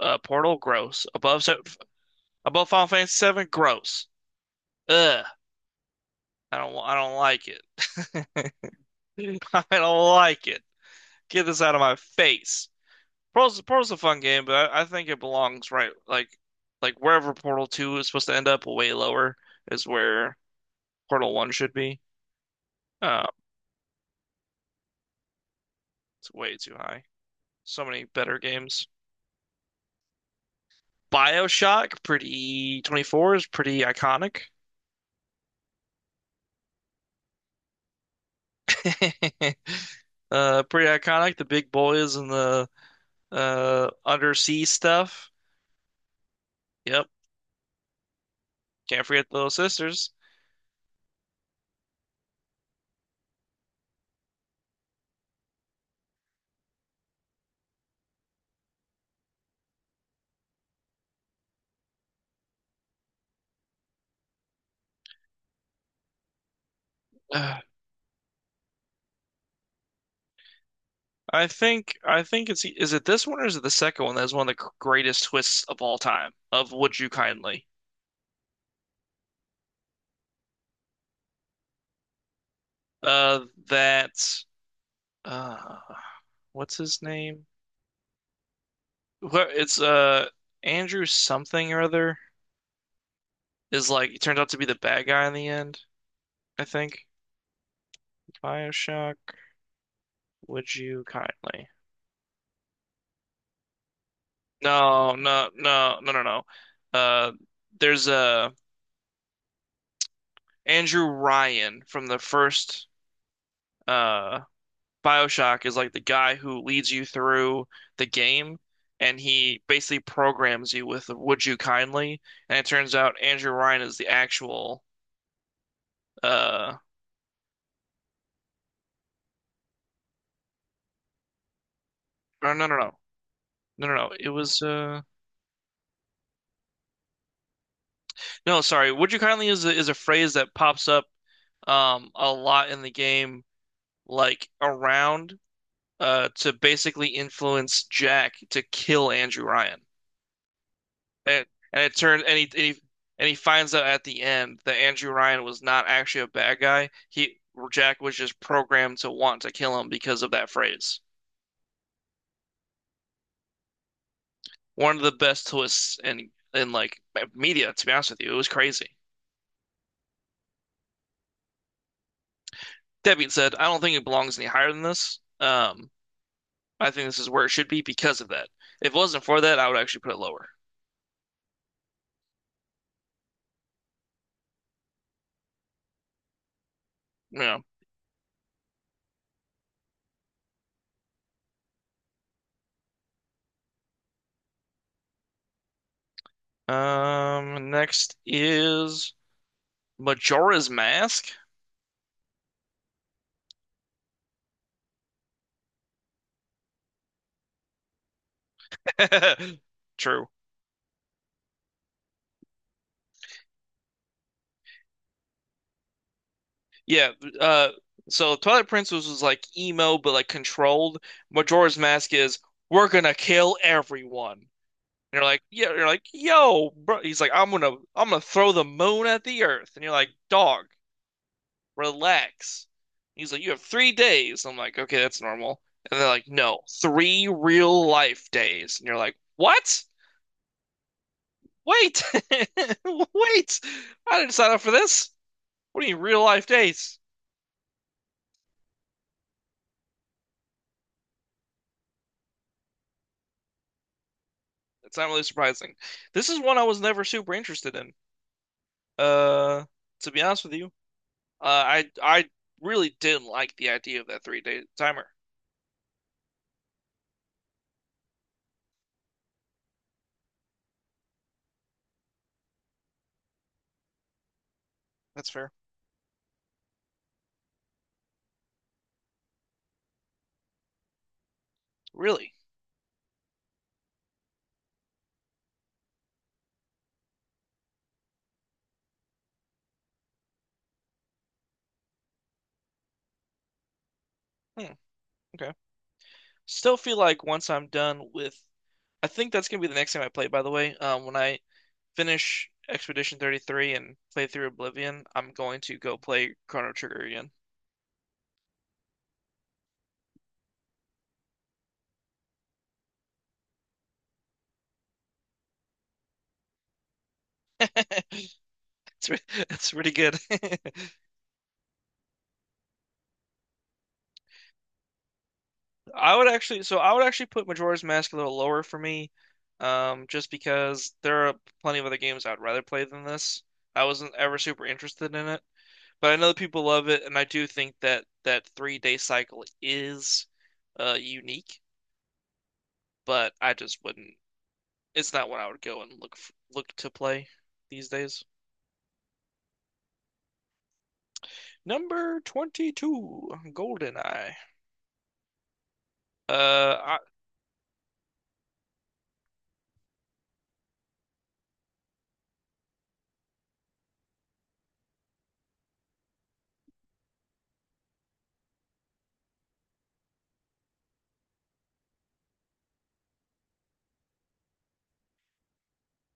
Portal, gross. Above above Final Fantasy seven, gross. Ugh, I don't like it. I don't like it. Get this out of my face. Portal's a fun game, but I think it belongs right like wherever Portal Two is supposed to end up, way lower is where Portal One should be. Uh, it's way too high. So many better games. BioShock, pretty 24 is pretty iconic. Pretty iconic. The big boys and the undersea stuff. Yep, can't forget the Little Sisters. Uh, I think it's Is it this one or is it the second one that is one of the greatest twists of all time of Would You Kindly? That uh, what's his name? Wh- It's Andrew something or other is like he turns out to be the bad guy in the end. I think BioShock. Would You Kindly? No, no, no, no, no, no. Uh, there's a Andrew Ryan from the first uh BioShock, is like the guy who leads you through the game, and he basically programs you with Would You Kindly, and it turns out Andrew Ryan is the actual uh or no no no no no no it was no, sorry, Would You Kindly is a phrase that pops up a lot in the game, like, around, to basically influence Jack to kill Andrew Ryan. And, and it turns and he, and he and he finds out at the end that Andrew Ryan was not actually a bad guy. He Jack was just programmed to want to kill him because of that phrase. One of the best twists in like media, to be honest with you. It was crazy. That being said, I don't think it belongs any higher than this. I think this is where it should be because of that. If it wasn't for that, I would actually put it lower. Yeah. Next is Majora's Mask. True. Yeah, uh, so Twilight Princess was like emo, but like controlled. Majora's Mask is, we're gonna kill everyone. And you're like, yo, bro. He's like, I'm gonna throw the moon at the earth. And you're like, dog, relax. He's like, you have 3 days. I'm like, okay, that's normal. And they're like, no, three real life days. And you're like, what? Wait, wait, I didn't sign up for this. What do you mean real life days? It's not really surprising. This is one I was never super interested in. Uh, to be honest with you, I really didn't like the idea of that 3 day timer. That's fair. Really? Hmm, okay. Still feel like once I'm done with, I think that's gonna be the next time I play, by the way. When I finish Expedition 33 and play through Oblivion, I'm going to go play Chrono Trigger again. It's, re- it's really good. I would actually put Majora's Mask a little lower for me, just because there are plenty of other games I'd rather play than this. I wasn't ever super interested in it, but I know that people love it, and I do think that that 3 day cycle is unique. But I just wouldn't. It's not what I would go and look to play these days. Number 22, GoldenEye. Uh,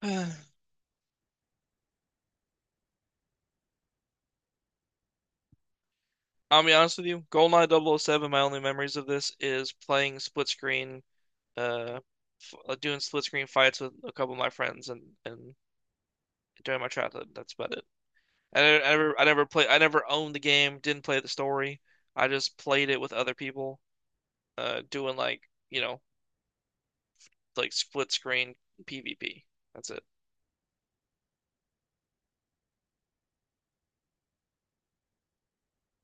I, I'll be honest with you, GoldenEye double oh 007, my only memories of this is playing split screen, uh, f doing split screen fights with a couple of my friends and during my childhood. That's about it. I never owned the game, didn't play the story. I just played it with other people, doing like, you know, like split screen PvP. That's it.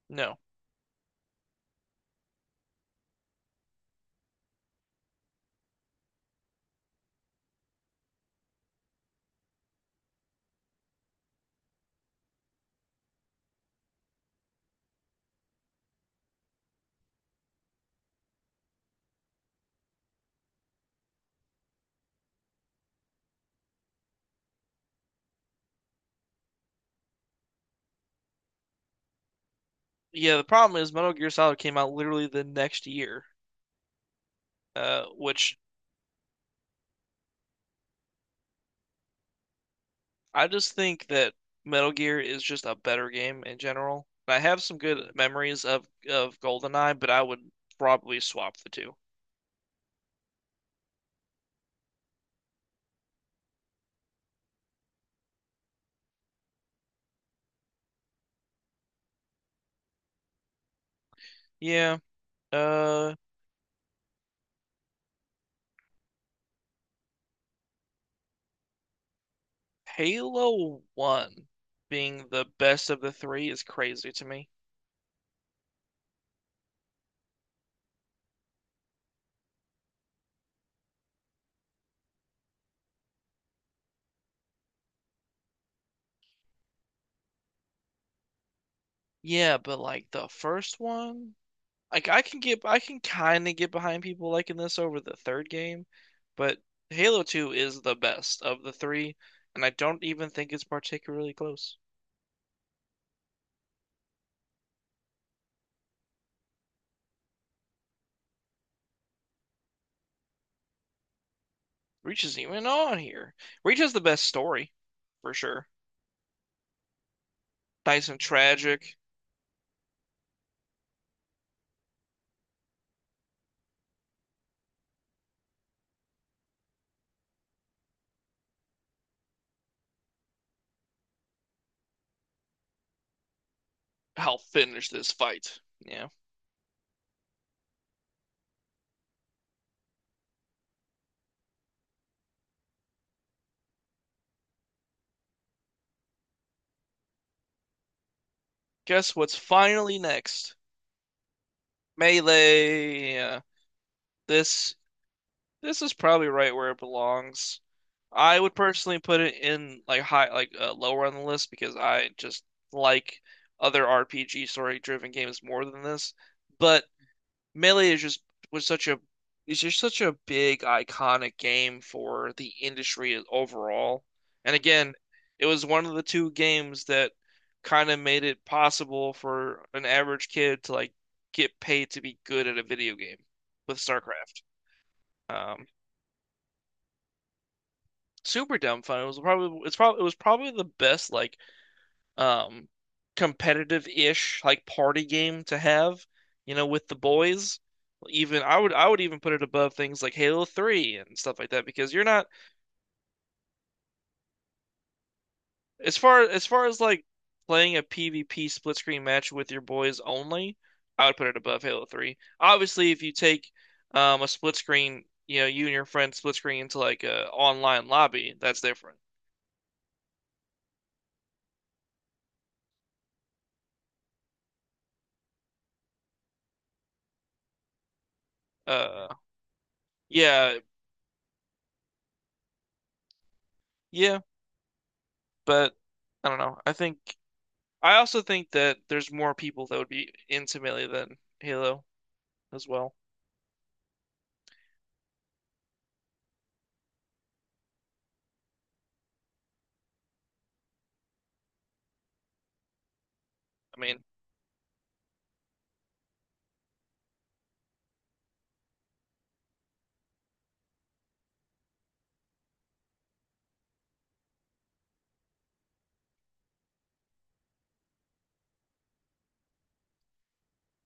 No. Yeah, the problem is Metal Gear Solid came out literally the next year, which I just think that Metal Gear is just a better game in general. I have some good memories of GoldenEye, but I would probably swap the two. Yeah, uh, Halo 1 being the best of the three is crazy to me. Yeah, but like the first one, like I can kind of get behind people liking this over the third game, but Halo 2 is the best of the three, and I don't even think it's particularly close. Reach isn't even on here. Reach has the best story, for sure. Nice and tragic. I'll finish this fight. Yeah. Guess what's finally next? Melee. Yeah. This this is probably right where it belongs. I would personally put it in like lower on the list because I just like other RPG story-driven games more than this. But Melee was such a is just such a big iconic game for the industry overall. And again, it was one of the two games that kind of made it possible for an average kid to like get paid to be good at a video game with StarCraft. Um, Super dumb fun. It was probably the best um competitive-ish like party game to have with the boys. Even I would even put it above things like Halo 3 and stuff like that because you're not as far as like playing a PvP split screen match with your boys only, I would put it above Halo 3. Obviously, if you take a split screen, you and your friend split screen into like a online lobby, that's different. Uh yeah, yeah, but I don't know. I also think that there's more people that would be into Melee than Halo as well. I mean,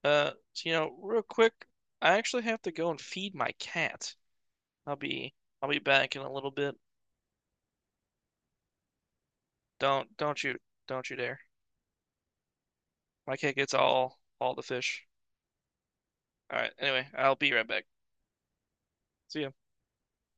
so, real quick, I actually have to go and feed my cat. I'll be I'll be back in a little bit. Don't don't you don't you dare. My cat gets all the fish. All right. Anyway, I'll be right back. See ya.